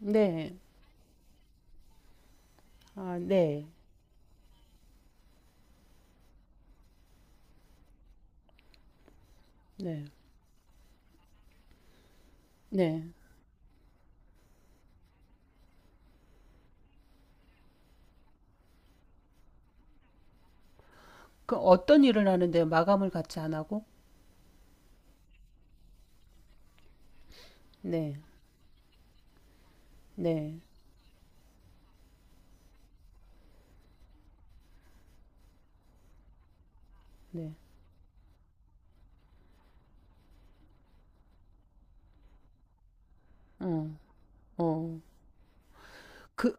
네. 아, 네. 네. 네. 그 어떤 일을 하는데요? 마감을 같이 안 하고? 네. 네. 네. 어. 어. 그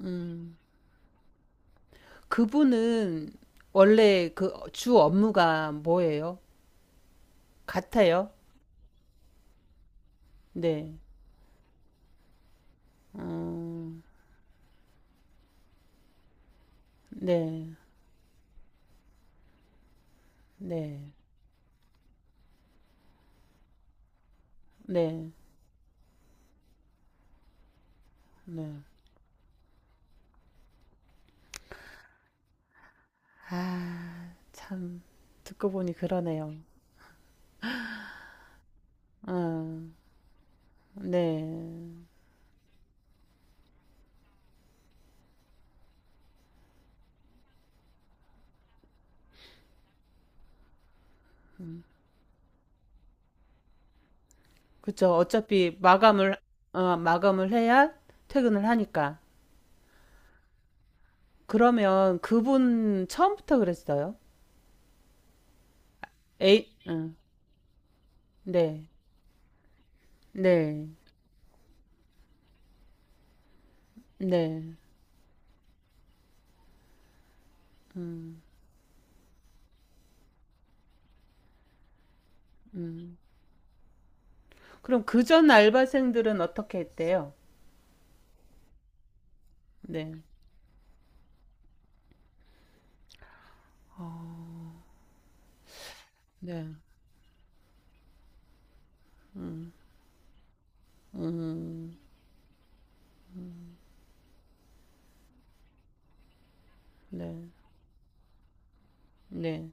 음. 그분은 원래 그 주 업무가 뭐예요? 같아요? 네. 어. 네. 네. 네. 네. 아, 참 듣고 보니 그러네요. 아, 네. 그쵸. 어차피 마감을 해야 퇴근을 하니까. 그러면 그분 처음부터 그랬어요? 에이, 응. 네, 네, 네. 음, 음. 그럼 그전 알바생들은 어떻게 했대요? 네, 네, 음, 네, 네.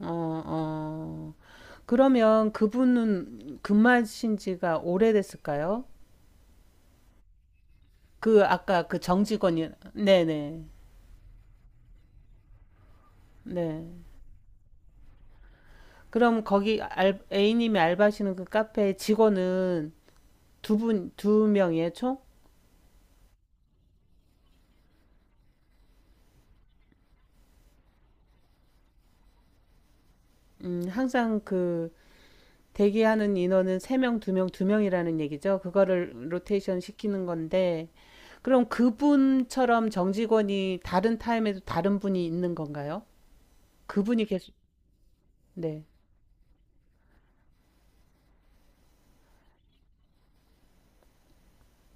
어, 어. 그러면 그분은 근무하신 지가 오래됐을까요? 그 아까 그 정직원이, 네네, 네. 네. 네. 그럼 거기 알, A님이 알바하시는 그 카페 직원은 두 분, 두 명이에요, 총? 항상 그 대기하는 인원은 세 명, 두 명, 두 명이라는 얘기죠. 그거를 로테이션 시키는 건데, 그럼 그분처럼 정직원이 다른 타임에도 다른 분이 있는 건가요? 그분이 계속, 네.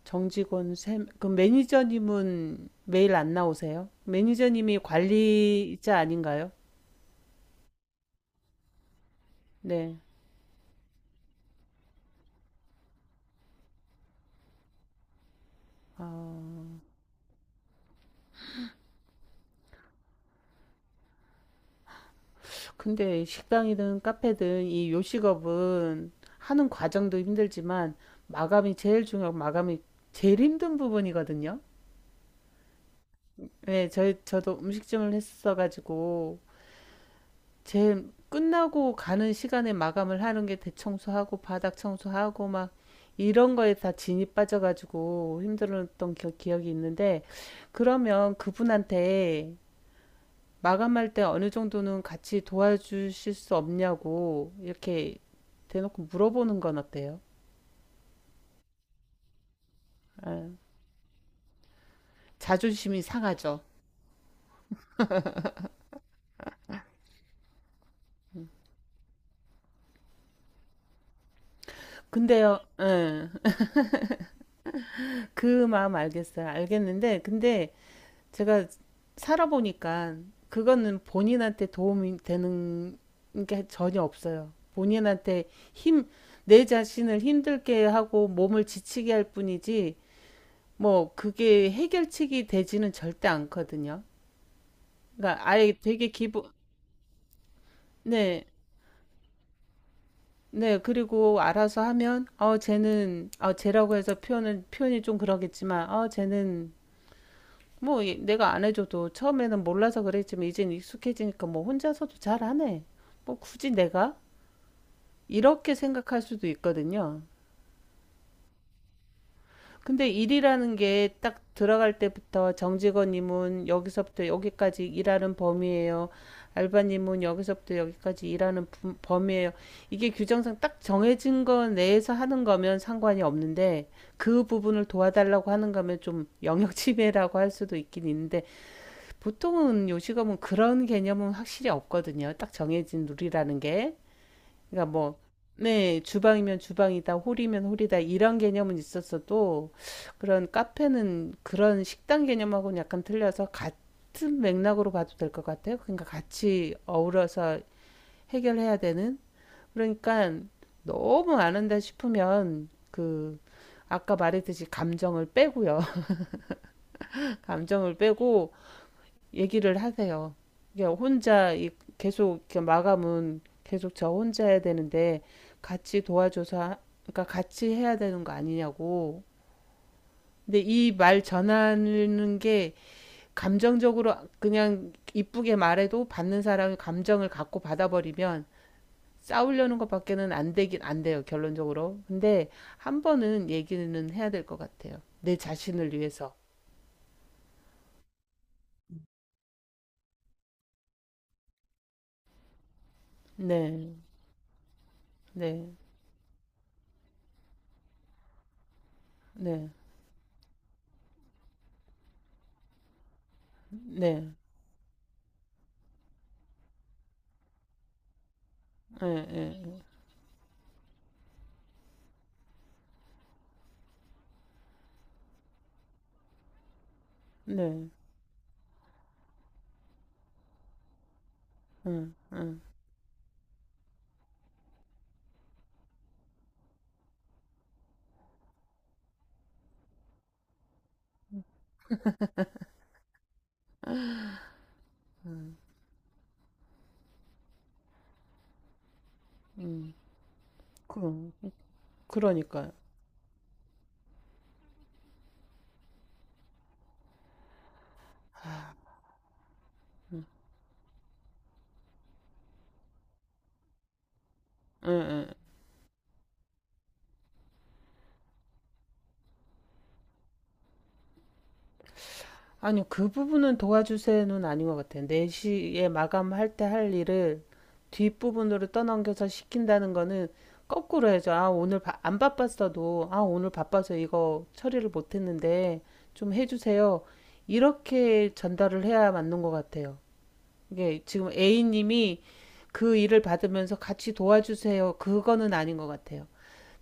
정직원 세, 그럼 매니저님은 매일 안 나오세요? 매니저님이 관리자 아닌가요? 네. 아. 근데 식당이든 카페든 이 요식업은 하는 과정도 힘들지만 마감이 제일 중요하고 마감이 제일 힘든 부분이거든요. 네, 저도 음식점을 했어가지고 제일 끝나고 가는 시간에 마감을 하는 게 대청소하고 바닥 청소하고 막 이런 거에 다 진이 빠져가지고 힘들었던 기억이 있는데 그러면 그분한테 마감할 때 어느 정도는 같이 도와주실 수 없냐고 이렇게 대놓고 물어보는 건 어때요? 에. 자존심이 상하죠. 근데요, 예. 그 마음 알겠어요. 알겠는데, 근데 제가 살아보니까 그거는 본인한테 도움이 되는 게 전혀 없어요. 본인한테 내 자신을 힘들게 하고 몸을 지치게 할 뿐이지, 뭐, 그게 해결책이 되지는 절대 않거든요. 그러니까 아예 되게 기분, 네. 네. 그리고 알아서 하면 어 쟤는 어 쟤라고 해서 표현을 표현이 좀 그러겠지만 쟤는 뭐 내가 안 해줘도 처음에는 몰라서 그랬지만 이젠 익숙해지니까 뭐 혼자서도 잘하네. 뭐 굳이 내가 이렇게 생각할 수도 있거든요. 근데 일이라는 게 딱 들어갈 때부터 정직원님은 여기서부터 여기까지 일하는 범위예요. 알바님은 여기서부터 여기까지 일하는 범위예요. 이게 규정상 딱 정해진 거 내에서 하는 거면 상관이 없는데 그 부분을 도와달라고 하는 거면 좀 영역 침해라고 할 수도 있긴 있는데 보통은 요식업은 그런 개념은 확실히 없거든요. 딱 정해진 룰이라는 게. 그러니까 뭐, 네, 주방이면 주방이다, 홀이면 홀이다, 이런 개념은 있었어도, 그런 카페는 그런 식당 개념하고는 약간 틀려서 같은 맥락으로 봐도 될 것 같아요. 그러니까 같이 어우러서 해결해야 되는? 그러니까 너무 안 한다 싶으면, 그, 아까 말했듯이 감정을 빼고요. 감정을 빼고, 얘기를 하세요. 이게 혼자 계속 이렇게 마감은 계속 저 혼자 해야 되는데 같이 도와줘서 그러니까 같이 해야 되는 거 아니냐고. 근데 이 말 전하는 게 감정적으로 그냥 이쁘게 말해도 받는 사람이 감정을 갖고 받아버리면 싸우려는 것밖에는 안 되긴 안 돼요, 결론적으로. 근데 한 번은 얘기는 해야 될 것 같아요. 내 자신을 위해서. 네, 네, 네, 네, 네, 네, 네. 응, 응, 응. 그럼, 그러니까요. 아, 응, 응. 아니, 그 부분은 도와주세요는 아닌 것 같아요. 4시에 마감할 때 할 일을 뒷부분으로 떠넘겨서 시킨다는 거는 거꾸로 해야죠. 아, 오늘 안 바빴어도, 아, 오늘 바빠서 이거 처리를 못 했는데 좀 해주세요. 이렇게 전달을 해야 맞는 것 같아요. 이게 지금 A님이 그 일을 받으면서 같이 도와주세요. 그거는 아닌 것 같아요.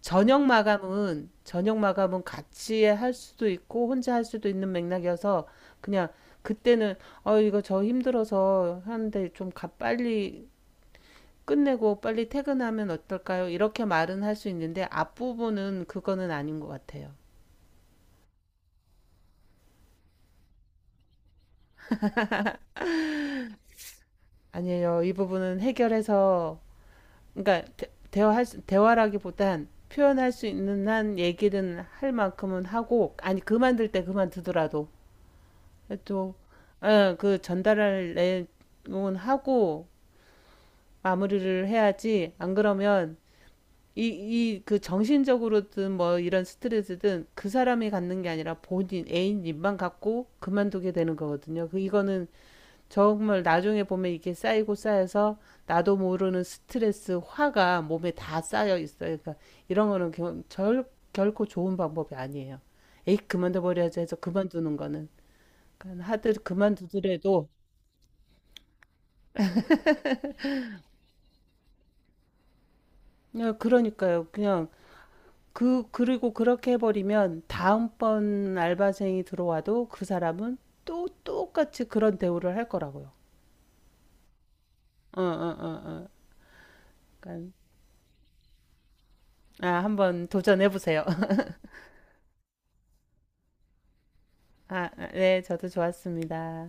저녁 마감은 같이 할 수도 있고 혼자 할 수도 있는 맥락이어서 그냥 그때는 이거 저 힘들어서 하는데 좀 빨리 끝내고 빨리 퇴근하면 어떨까요? 이렇게 말은 할 수 있는데 앞부분은 그거는 아닌 것 같아요. 아니에요. 이 부분은 해결해서 그러니까 대화라기보단 표현할 수 있는 한 얘기는 할 만큼은 하고 아니 그만둘 때 그만두더라도 또, 그 전달할 내용은 하고 마무리를 해야지. 안 그러면 그 정신적으로든 뭐 이런 스트레스든 그 사람이 갖는 게 아니라 본인, 애인님만 갖고 그만두게 되는 거거든요. 그, 이거는 정말 나중에 보면 이게 쌓이고 쌓여서 나도 모르는 스트레스, 화가 몸에 다 쌓여 있어요. 그러니까 이런 거는 결코 좋은 방법이 아니에요. 에이, 그만둬버려야지 해서 그만두는 거는. 그러니까 하들 그만두더라도 야, 그러니까요. 그냥 그리고 그렇게 해버리면 다음번 알바생이 들어와도 그 사람은 또 똑같이 그런 대우를 할 거라고요. 어, 어, 어, 어. 그러니까, 아, 한번 도전해 보세요. 아, 네, 저도 좋았습니다.